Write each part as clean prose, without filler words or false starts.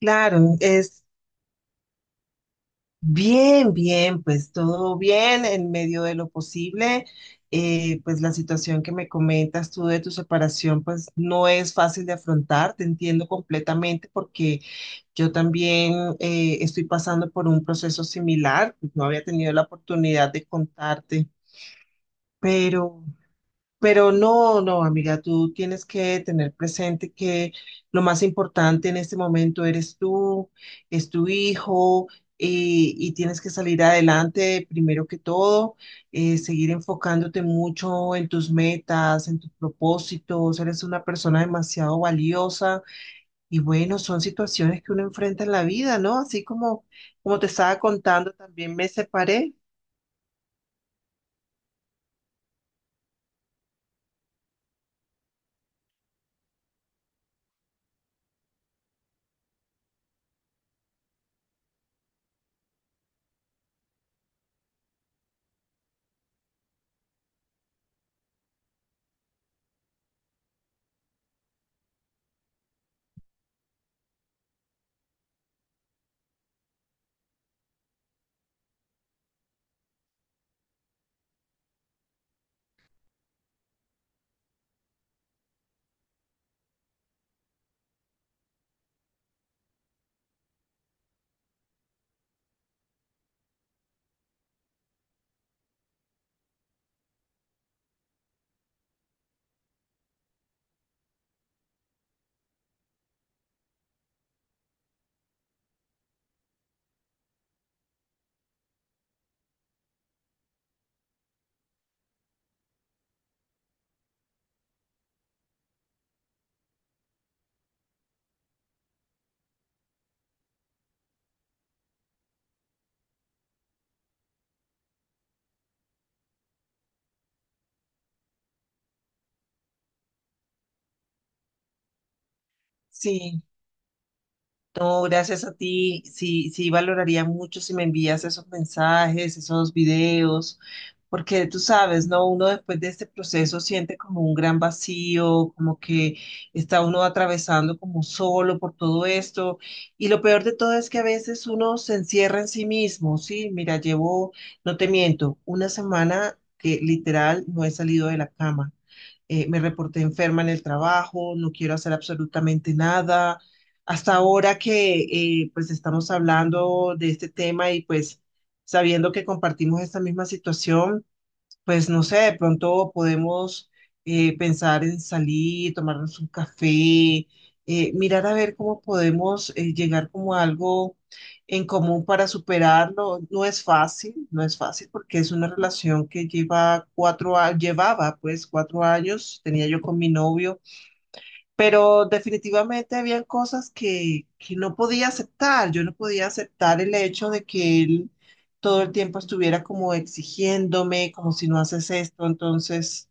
Claro, es bien, bien, pues todo bien en medio de lo posible. Pues la situación que me comentas tú de tu separación, pues no es fácil de afrontar, te entiendo completamente porque yo también estoy pasando por un proceso similar, pues no había tenido la oportunidad de contarte, pero... Pero no, no, amiga, tú tienes que tener presente que lo más importante en este momento eres tú, es tu hijo, y tienes que salir adelante primero que todo, seguir enfocándote mucho en tus metas, en tus propósitos, eres una persona demasiado valiosa. Y bueno, son situaciones que uno enfrenta en la vida, ¿no? Así como te estaba contando, también me separé. Sí. No, gracias a ti. Sí, sí, valoraría mucho si me envías esos mensajes, esos videos, porque tú sabes, ¿no? Uno después de este proceso siente como un gran vacío, como que está uno atravesando como solo por todo esto. Y lo peor de todo es que a veces uno se encierra en sí mismo, ¿sí? Mira, llevo, no te miento, una semana que literal no he salido de la cama, me reporté enferma en el trabajo, no quiero hacer absolutamente nada. Hasta ahora que pues estamos hablando de este tema y pues sabiendo que compartimos esta misma situación, pues no sé, de pronto podemos pensar en salir, tomarnos un café, mirar a ver cómo podemos llegar como a algo en común para superarlo. No es fácil, no es fácil porque es una relación que lleva cuatro, llevaba pues cuatro años, tenía yo con mi novio, pero definitivamente habían cosas que no podía aceptar. Yo no podía aceptar el hecho de que él todo el tiempo estuviera como exigiéndome, como si no haces esto, entonces.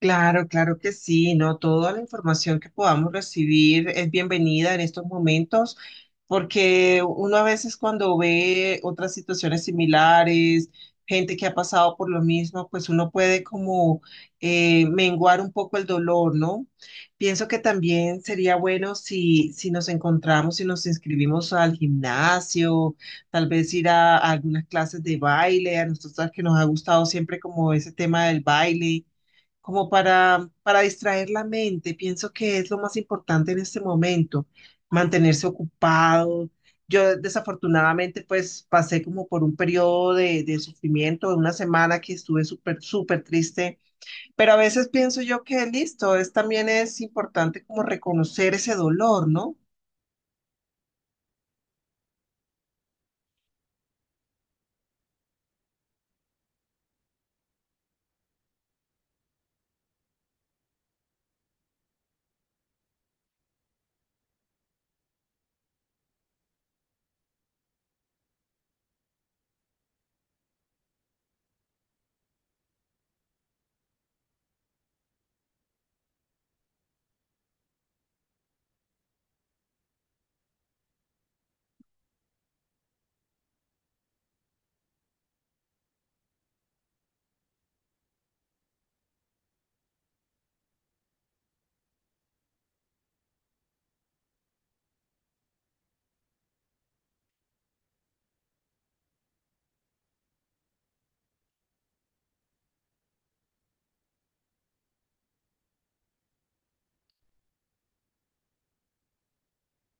Claro, claro que sí, ¿no? Toda la información que podamos recibir es bienvenida en estos momentos, porque uno a veces cuando ve otras situaciones similares, gente que ha pasado por lo mismo, pues uno puede como menguar un poco el dolor, ¿no? Pienso que también sería bueno si nos encontramos y nos inscribimos al gimnasio, tal vez ir a algunas clases de baile, a nosotros que nos ha gustado siempre como ese tema del baile, como para distraer la mente. Pienso que es lo más importante en este momento, mantenerse ocupado. Yo desafortunadamente pues pasé como por un periodo de sufrimiento, de una semana que estuve súper, súper triste, pero a veces pienso yo que listo, es, también es importante como reconocer ese dolor, ¿no?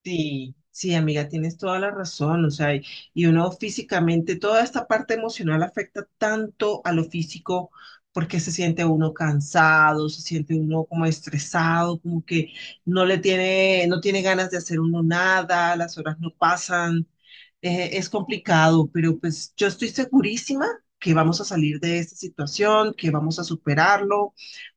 Sí, sí, amiga, tienes toda la razón, o sea, y uno físicamente, toda esta parte emocional afecta tanto a lo físico porque se siente uno cansado, se siente uno como estresado, como que no le tiene, no tiene ganas de hacer uno nada, las horas no pasan, es complicado, pero pues yo estoy segurísima que vamos a salir de esta situación, que vamos a superarlo.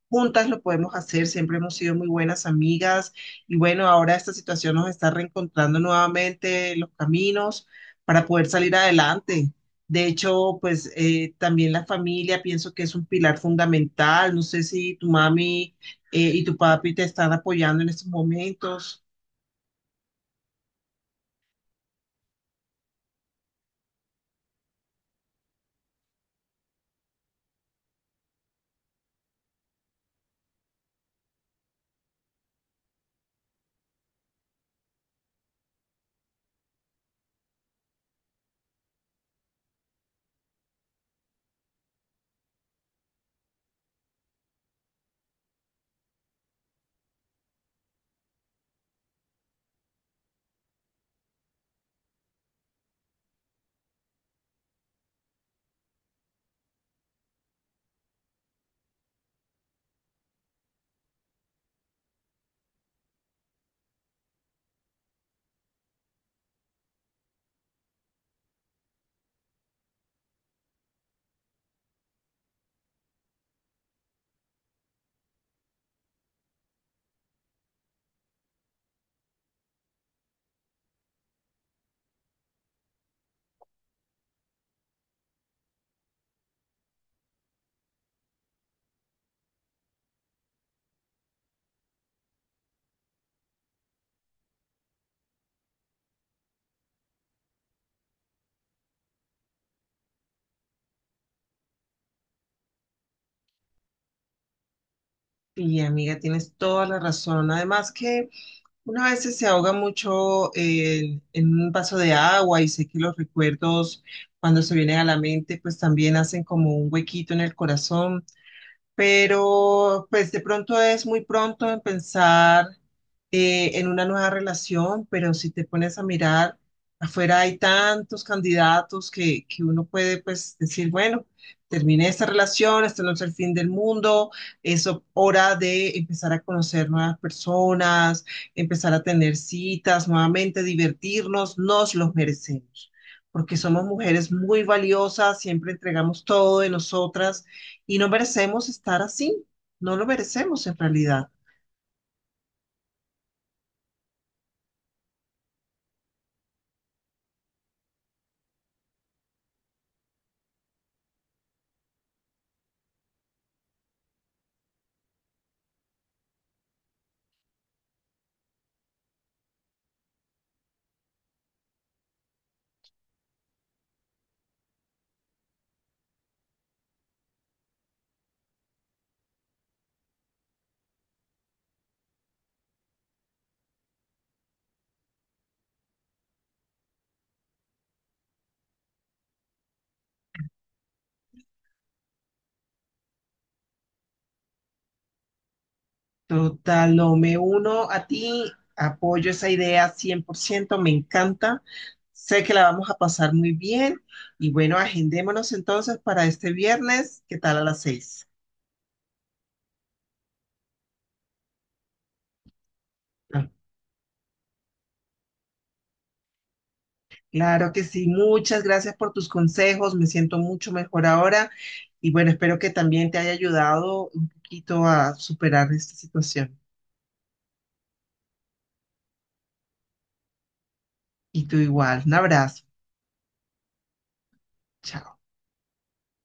Juntas lo podemos hacer, siempre hemos sido muy buenas amigas y bueno, ahora esta situación nos está reencontrando nuevamente los caminos para poder salir adelante. De hecho, pues también la familia pienso que es un pilar fundamental. No sé si tu mami y tu papi te están apoyando en estos momentos. Y amiga, tienes toda la razón. Además que uno a veces se ahoga mucho en un vaso de agua, y sé que los recuerdos cuando se vienen a la mente pues también hacen como un huequito en el corazón, pero pues de pronto es muy pronto en pensar en una nueva relación, pero si te pones a mirar, afuera hay tantos candidatos que uno puede pues decir, bueno, terminé esta relación, esto no es el fin del mundo, es hora de empezar a conocer nuevas personas, empezar a tener citas, nuevamente divertirnos, nos los merecemos. Porque somos mujeres muy valiosas, siempre entregamos todo de nosotras y no merecemos estar así, no lo merecemos en realidad. Total, no, me uno a ti, apoyo esa idea 100%, me encanta, sé que la vamos a pasar muy bien y bueno, agendémonos entonces para este viernes, ¿qué tal a las 6? Ah, claro que sí, muchas gracias por tus consejos, me siento mucho mejor ahora y bueno, espero que también te haya ayudado un poquito a superar esta situación. Y tú igual, un abrazo. Chao.